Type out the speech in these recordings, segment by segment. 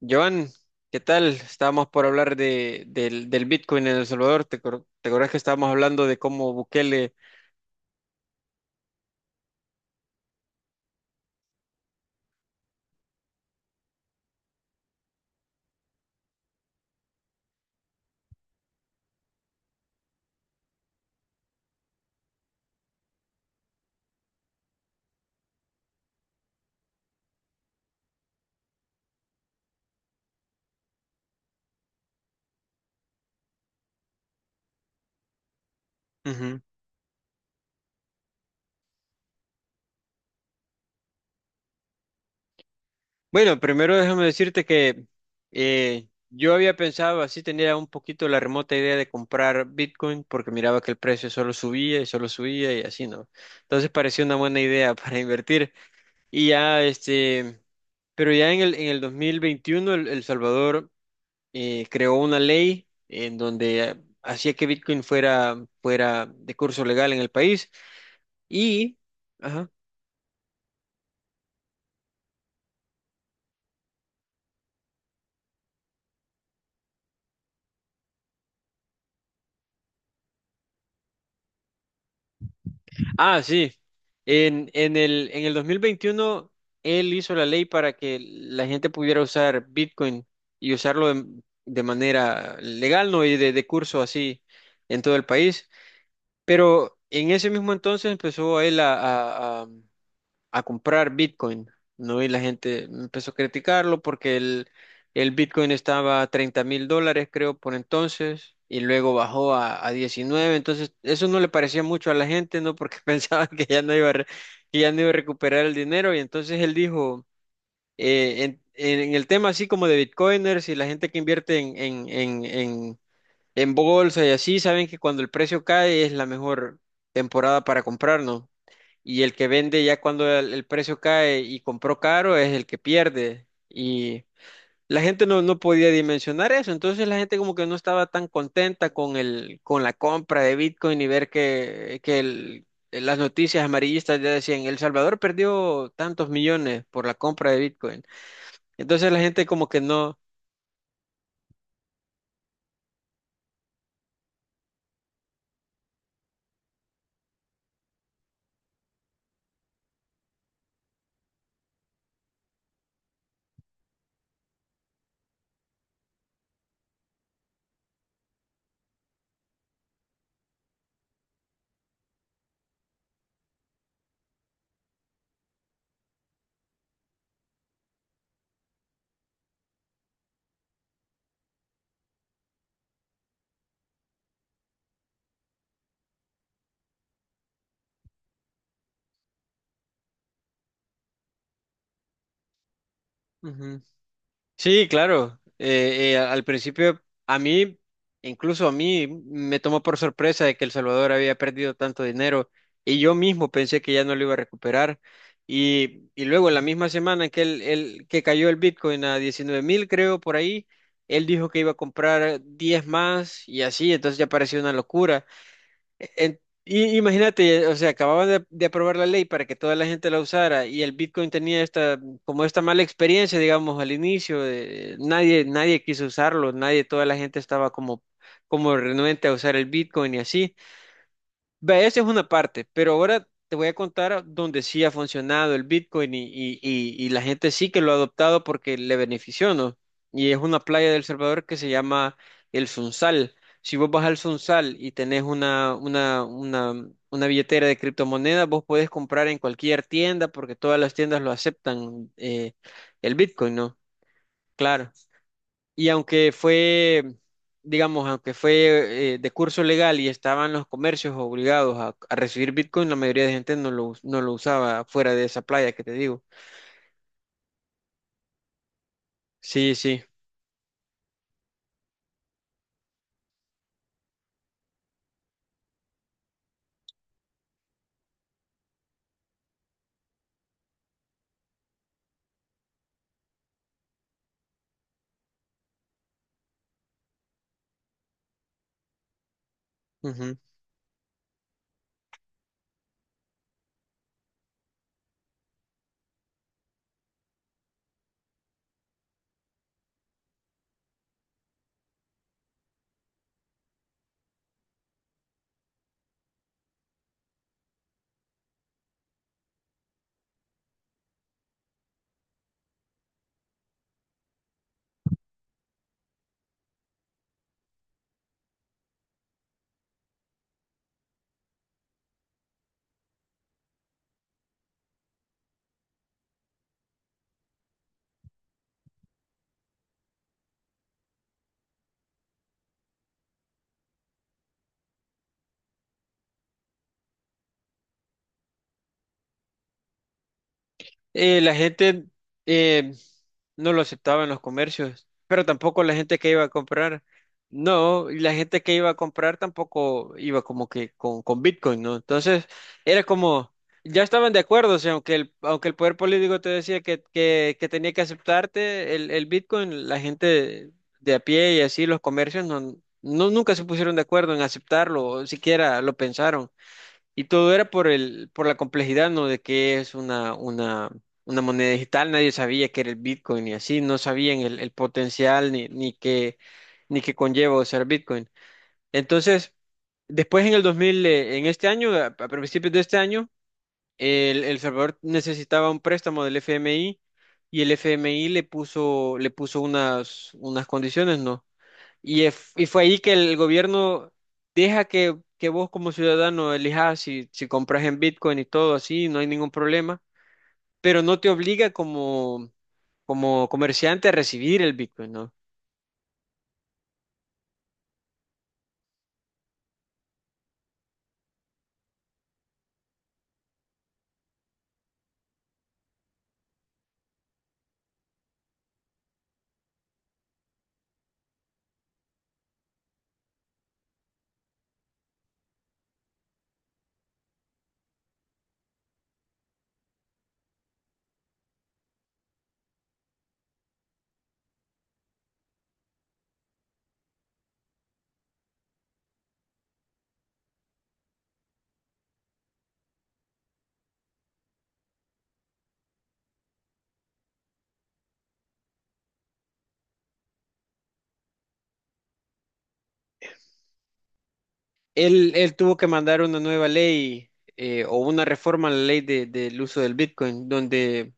Joan, ¿qué tal? Estábamos por hablar del Bitcoin en El Salvador. ¿Te acordás que estábamos hablando de cómo Bukele? Ujú. Bueno, primero déjame decirte que yo había pensado, así tenía un poquito la remota idea de comprar Bitcoin porque miraba que el precio solo subía y así, ¿no? Entonces parecía una buena idea para invertir. Y ya, pero ya en el 2021 El Salvador... creó una ley en donde hacía que Bitcoin fuera de curso legal en el país y, ajá. Ah, sí, en el 2021 él hizo la ley para que la gente pudiera usar Bitcoin y usarlo de manera legal, no y de curso así en todo el país, pero en ese mismo entonces empezó él a a- a comprar Bitcoin, ¿no? Y la gente empezó a criticarlo porque el Bitcoin estaba a 30 mil dólares, creo, por entonces, y luego bajó a 19, entonces eso no le parecía mucho a la gente, ¿no? Porque pensaba que ya no iba a, que ya no iba a recuperar el dinero, y entonces él dijo, en el tema así como de Bitcoiners y la gente que invierte en bolsa y así, saben que cuando el precio cae es la mejor temporada para comprar, ¿no? Y el que vende ya cuando el precio cae y compró caro es el que pierde. Y la gente no podía dimensionar eso. Entonces la gente como que no estaba tan contenta con el, con la compra de Bitcoin y ver las noticias amarillistas ya decían: El Salvador perdió tantos millones por la compra de Bitcoin. Entonces la gente como que no. Sí, claro. Al principio, a mí, incluso a mí, me tomó por sorpresa de que El Salvador había perdido tanto dinero y yo mismo pensé que ya no lo iba a recuperar. Y luego, la misma semana que cayó el Bitcoin a 19,000, creo, por ahí, él dijo que iba a comprar 10 más y así, entonces ya pareció una locura. En- y imagínate, o sea, acababan de aprobar la ley para que toda la gente la usara y el Bitcoin tenía esta, como esta mala experiencia, digamos, al inicio, nadie, nadie quiso usarlo, nadie, toda la gente estaba como renuente a usar el Bitcoin y así. Vea, esa es una parte, pero ahora te voy a contar donde sí ha funcionado el Bitcoin y la gente sí que lo ha adoptado porque le benefició, ¿no? Y es una playa de El Salvador que se llama El Sunsal. Si vos vas al Sunsal y tenés una billetera de criptomonedas, vos podés comprar en cualquier tienda porque todas las tiendas lo aceptan, el Bitcoin, ¿no? Claro. Y aunque fue, digamos, aunque fue de curso legal y estaban los comercios obligados a recibir Bitcoin, la mayoría de gente no lo usaba fuera de esa playa que te digo. Sí, sí. Ujú. La gente eh, no lo aceptaba en los comercios, pero tampoco la gente que iba a comprar. No, y la gente que iba a comprar tampoco iba como que con Bitcoin, ¿no? Entonces, era como, ya estaban de acuerdo, o sea, aunque el poder político te decía que tenía que aceptarte el Bitcoin, la gente de a pie y así, los comercios, no, no, nunca se pusieron de acuerdo en aceptarlo, o siquiera lo pensaron. Y todo era por el, por la complejidad, ¿no? De qué es una moneda digital. Nadie sabía qué era el Bitcoin y así. No sabían el potencial ni qué conlleva usar Bitcoin. Entonces, después en el 2000, en este año, a principios de este año, El Salvador necesitaba un préstamo del FMI y el FMI le puso unas condiciones, ¿no? Y fue ahí que el gobierno deja que vos como ciudadano elijas si compras en Bitcoin y todo así, no hay ningún problema, pero no te obliga como comerciante a recibir el Bitcoin, ¿no? Él tuvo que mandar una nueva ley o una reforma a la ley del uso del Bitcoin, donde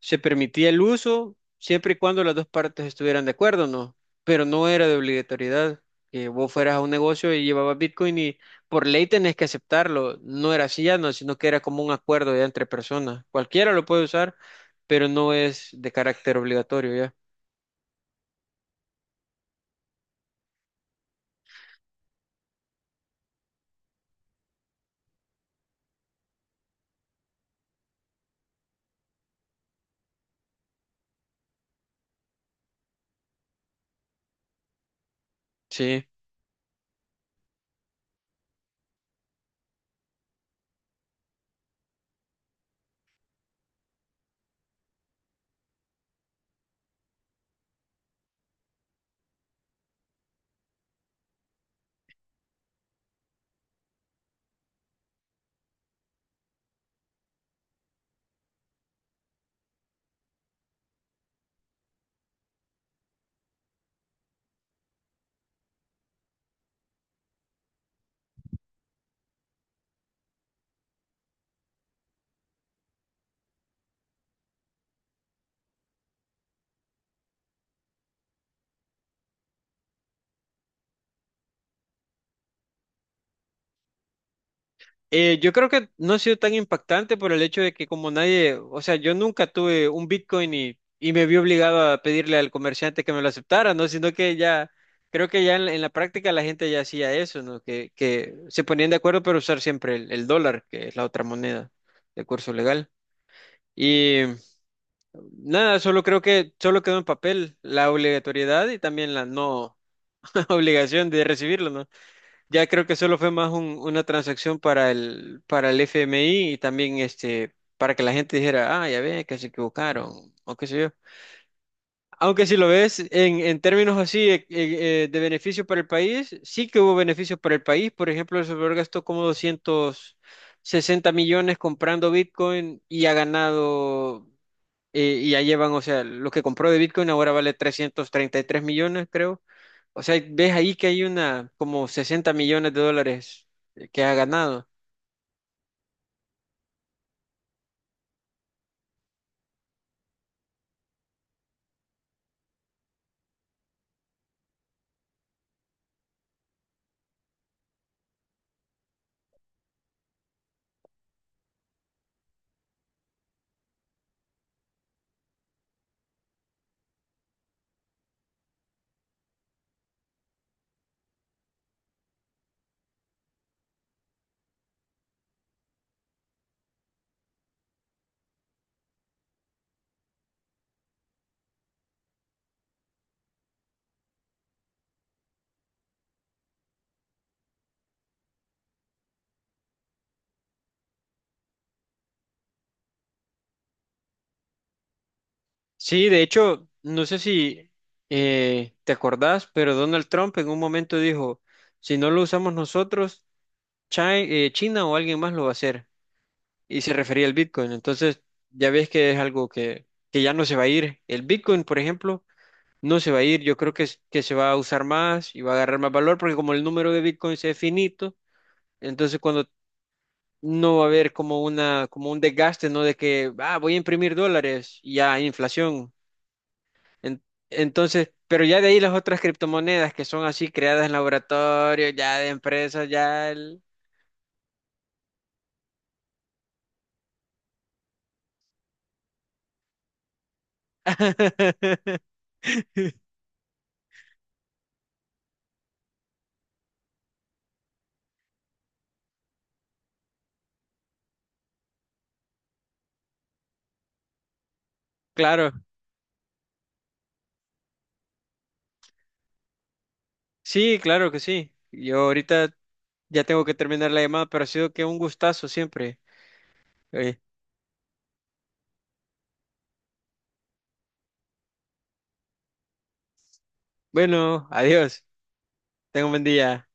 se permitía el uso siempre y cuando las dos partes estuvieran de acuerdo, ¿no? Pero no era de obligatoriedad que vos fueras a un negocio y llevabas Bitcoin y por ley tenés que aceptarlo. No era así ya, no, sino que era como un acuerdo ya entre personas. Cualquiera lo puede usar, pero no es de carácter obligatorio ya. Sí. Yo creo que no ha sido tan impactante por el hecho de que como nadie, o sea, yo nunca tuve un Bitcoin y me vi obligado a pedirle al comerciante que me lo aceptara, ¿no? Sino que ya, creo que ya en la práctica la gente ya hacía eso, ¿no? Que se ponían de acuerdo para usar siempre el dólar, que es la otra moneda de curso legal. Y nada, solo creo que solo quedó en papel la obligatoriedad y también la no obligación de recibirlo, ¿no? Ya creo que solo fue más una transacción para el FMI y también para que la gente dijera: ah, ya ve, que se equivocaron, o qué sé yo. Aunque si lo ves en términos así de beneficio para el país, sí que hubo beneficios para el país. Por ejemplo, El Salvador gastó como 260 millones comprando Bitcoin y ha ganado, y ya llevan, o sea, lo que compró de Bitcoin ahora vale 333 millones, creo. O sea, ves ahí que hay una, como 60 millones de dólares que ha ganado. Sí, de hecho, no sé si te acordás, pero Donald Trump en un momento dijo: si no lo usamos nosotros, Chi- China o alguien más lo va a hacer. Y se refería al Bitcoin. Entonces, ya ves que es algo que ya no se va a ir. El Bitcoin, por ejemplo, no se va a ir. Yo creo que se va a usar más y va a agarrar más valor porque como el número de bitcoins es finito, entonces cuando no va a haber como una, como un desgaste, ¿no? De que, ah, voy a imprimir dólares y ya, inflación. En- entonces, pero ya de ahí las otras criptomonedas que son así creadas en laboratorio, ya de empresas, ya... Claro, sí, claro que sí. Yo ahorita ya tengo que terminar la llamada, pero ha sido que un gustazo siempre. Eh, bueno, adiós. Tengo un buen día.